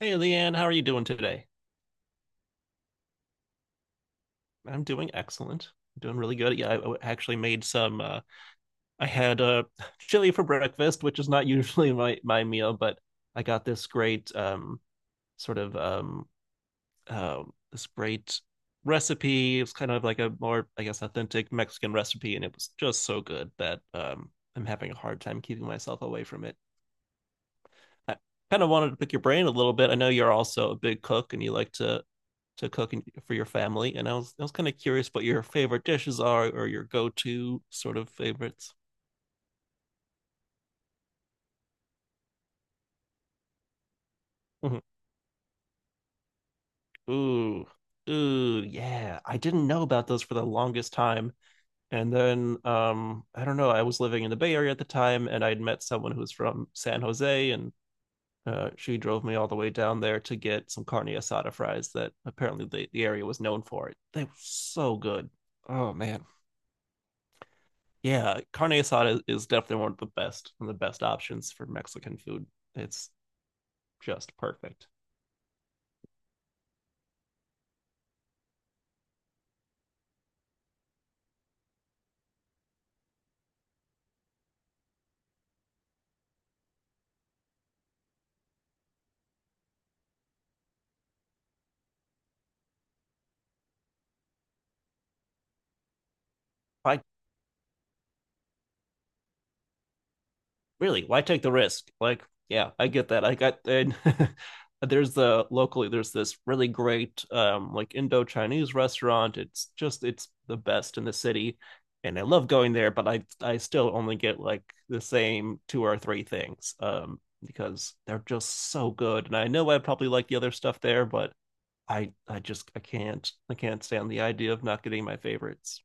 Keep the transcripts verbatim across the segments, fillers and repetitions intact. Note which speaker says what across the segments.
Speaker 1: Hey, Leanne, how are you doing today? I'm doing excellent. I'm doing really good. Yeah, I w- actually made some. Uh, I had uh, chili for breakfast, which is not usually my my meal, but I got this great um, sort of um, uh, this great recipe. It was kind of like a more, I guess, authentic Mexican recipe, and it was just so good that um, I'm having a hard time keeping myself away from it. I kind of wanted to pick your brain a little bit. I know you're also a big cook, and you like to to cook for your family, and I was I was kind of curious what your favorite dishes are or your go-to sort of favorites. Mhm. Ooh, ooh, yeah. I didn't know about those for the longest time, and then um, I don't know. I was living in the Bay Area at the time, and I'd met someone who was from San Jose, and uh, she drove me all the way down there to get some carne asada fries that apparently the, the area was known for. It They were so good. Oh man. Yeah, carne asada is- is definitely one of the best, one of the best options for Mexican food. It's just perfect. Why, really? Why take the risk? Like, yeah, I get that. I got and there's the locally there's this really great um like Indo Chinese restaurant. It's just it's the best in the city, and I love going there. But I I still only get like the same two or three things um because they're just so good. And I know I probably like the other stuff there, but I I just I can't I can't stand the idea of not getting my favorites.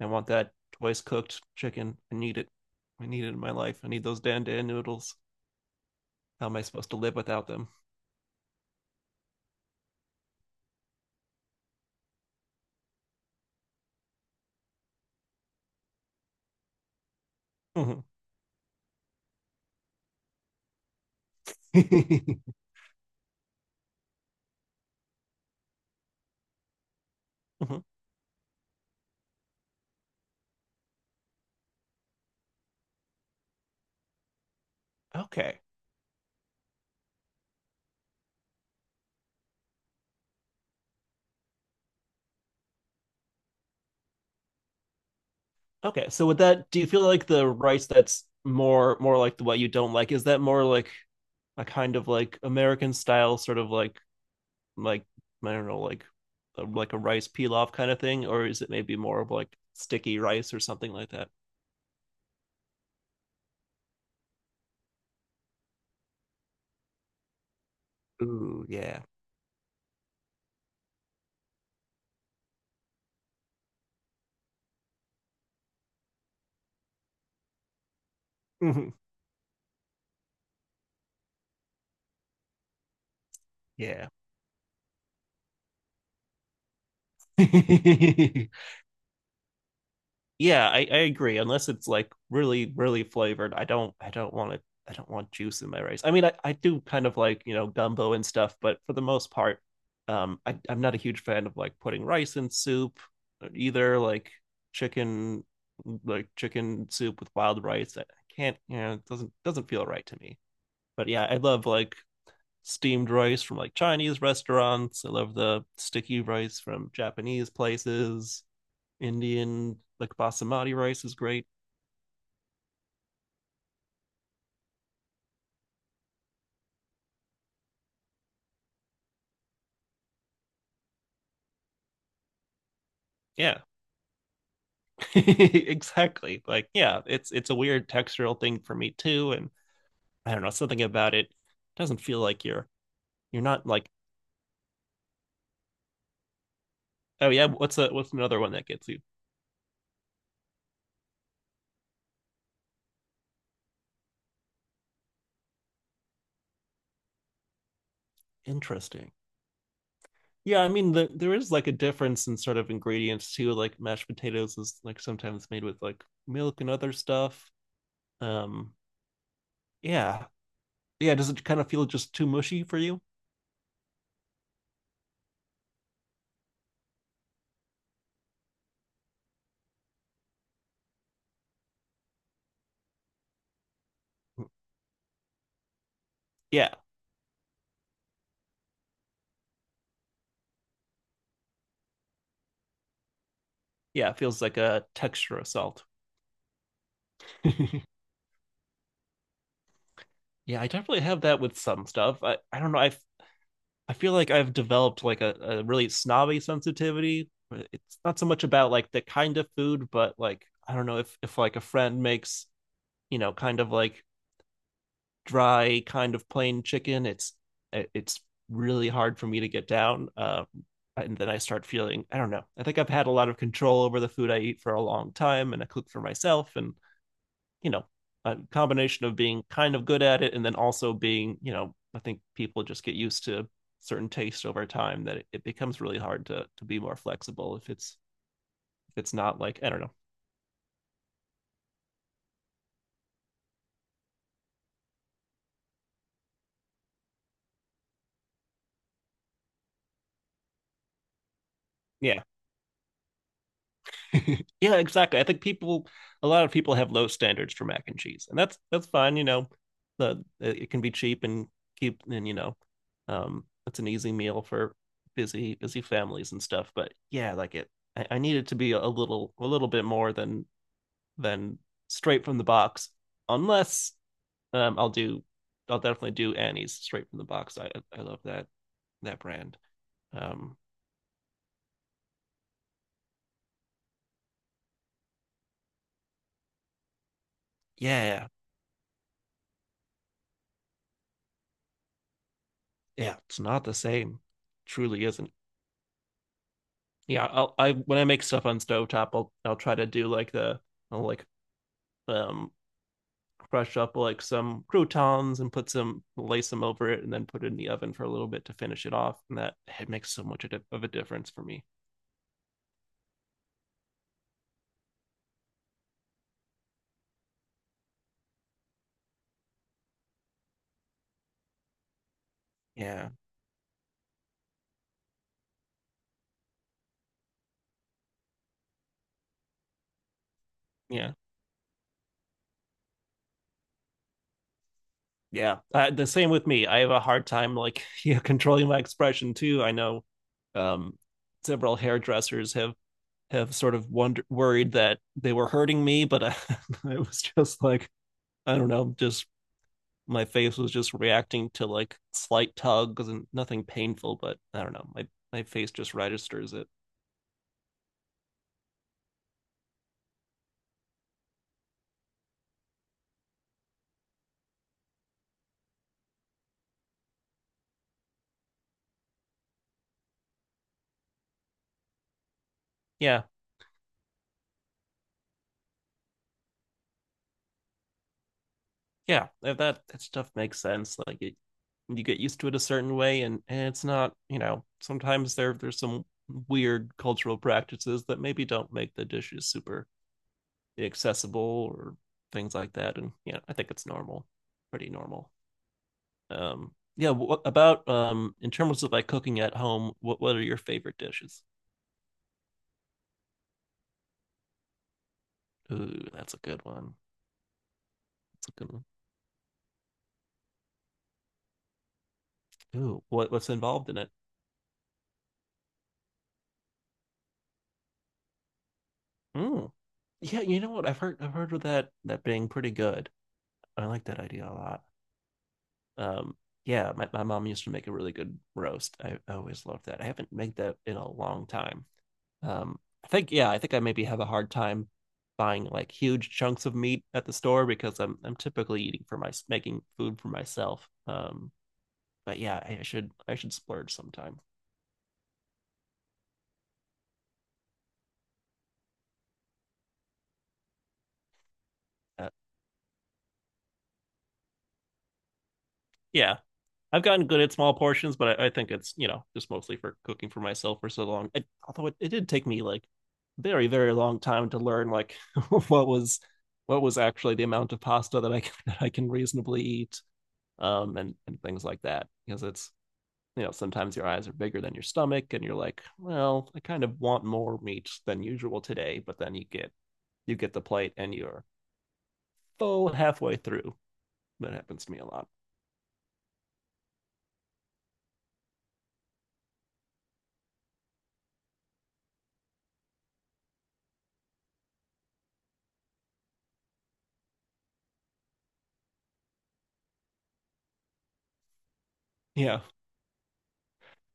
Speaker 1: I want that twice cooked chicken. I need it. I need it in my life. I need those dandan noodles. How am I supposed to live without them? Mhm. Mhm. Okay. Okay. So with that, do you feel like the rice that's more more like the what you don't like is that more like a kind of like American style sort of like like I don't know like a, like a rice pilaf kind of thing, or is it maybe more of like sticky rice or something like that? Ooh, yeah. Mhm. Yeah. Yeah, I, I agree. Unless it's like really, really flavored, I don't I don't want it. I don't want juice in my rice. I mean, I, I do kind of like, you know, gumbo and stuff, but for the most part, um, I, I'm not a huge fan of like putting rice in soup either, like chicken like chicken soup with wild rice. I can't, you know, it doesn't doesn't feel right to me. But yeah, I love like steamed rice from like Chinese restaurants. I love the sticky rice from Japanese places. Indian like basmati rice is great. Yeah, exactly. Like, yeah, it's it's a weird textural thing for me too, and I don't know, something about it doesn't feel like you're you're not like oh yeah what's a what's another one that gets you interesting. Yeah, I mean the, there is like a difference in sort of ingredients too. Like mashed potatoes is like sometimes made with like milk and other stuff. Um, yeah, yeah. Does it kind of feel just too mushy for you? Mm, yeah, yeah. It feels like a texture assault. Yeah, I definitely have that with some stuff. I, I don't know. I I feel like I've developed like a, a really snobby sensitivity. It's not so much about like the kind of food, but like I don't know, if if like a friend makes, you know, kind of like dry kind of plain chicken, it's it's really hard for me to get down. Um, and then I start feeling, I don't know. I think I've had a lot of control over the food I eat for a long time, and I cook for myself, and you know a combination of being kind of good at it, and then also being, you know, I think people just get used to certain taste over time, that it, it becomes really hard to to be more flexible if it's if it's not like I don't know. Yeah, yeah, exactly. I think people a lot of people have low standards for mac and cheese, and that's that's fine, you know, the it can be cheap and keep and, you know, um it's an easy meal for busy busy families and stuff, but yeah, like it, I, I need it to be a little a little bit more than than straight from the box. Unless, um, I'll do, I'll definitely do Annie's straight from the box. I I love that that brand. Um, yeah, yeah, it's not the same. Truly isn't. Yeah, I'll, I when I make stuff on stovetop, I'll I'll try to do like the I'll like um crush up like some croutons and put some lace them over it and then put it in the oven for a little bit to finish it off, and that it makes so much of a difference for me. Yeah, yeah, yeah, uh, the same with me. I have a hard time like yeah controlling my expression too. I know, um several hairdressers have have sort of wonder, worried that they were hurting me, but I, it was just like, I don't know, just my face was just reacting to like slight tugs and nothing painful, but I don't know, my my face just registers it. Yeah, yeah, if that that stuff makes sense, like it, you get used to it a certain way, and, and it's not, you know, sometimes there there's some weird cultural practices that maybe don't make the dishes super accessible or things like that, and yeah, I think it's normal, pretty normal. Um, yeah, what about um in terms of like cooking at home, what what are your favorite dishes? Ooh, that's a good one. That's a good one. Ooh, what what's involved in it? Mm. Yeah, you know what? I've heard I've heard of that that being pretty good. I like that idea a lot. Um, yeah, my, my mom used to make a really good roast. I, I always loved that. I haven't made that in a long time. Um, I think yeah, I think I maybe have a hard time buying like huge chunks of meat at the store because I'm I'm typically eating for my making food for myself. Um, but yeah, I should I should splurge sometime. Uh, yeah, I've gotten good at small portions, but I, I think it's, you know, just mostly for cooking for myself for so long. I, although it, it did take me like very very long time to learn like what was what was actually the amount of pasta that I can, that I can reasonably eat, um, and and things like that, because it's, you know, sometimes your eyes are bigger than your stomach and you're like, well I kind of want more meat than usual today, but then you get you get the plate and you're full halfway through. That happens to me a lot. Yeah,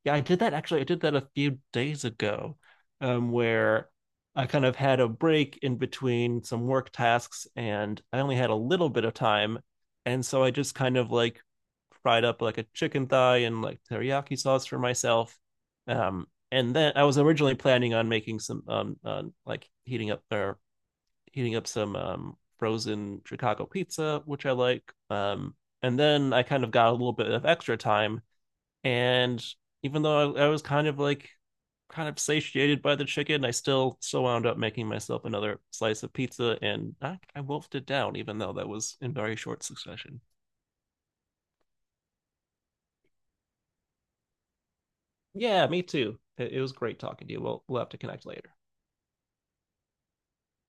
Speaker 1: yeah, I did that actually. I did that a few days ago, um, where I kind of had a break in between some work tasks and I only had a little bit of time. And so I just kind of like fried up like a chicken thigh and like teriyaki sauce for myself. Um, and then I was originally planning on making some um, uh, like heating up or heating up some um, frozen Chicago pizza, which I like. Um, and then I kind of got a little bit of extra time and even though I, I was kind of like kind of satiated by the chicken, I still still wound up making myself another slice of pizza, and I, I wolfed it down, even though that was in very short succession. Yeah, me too. It, it was great talking to you. We'll we'll have to connect later.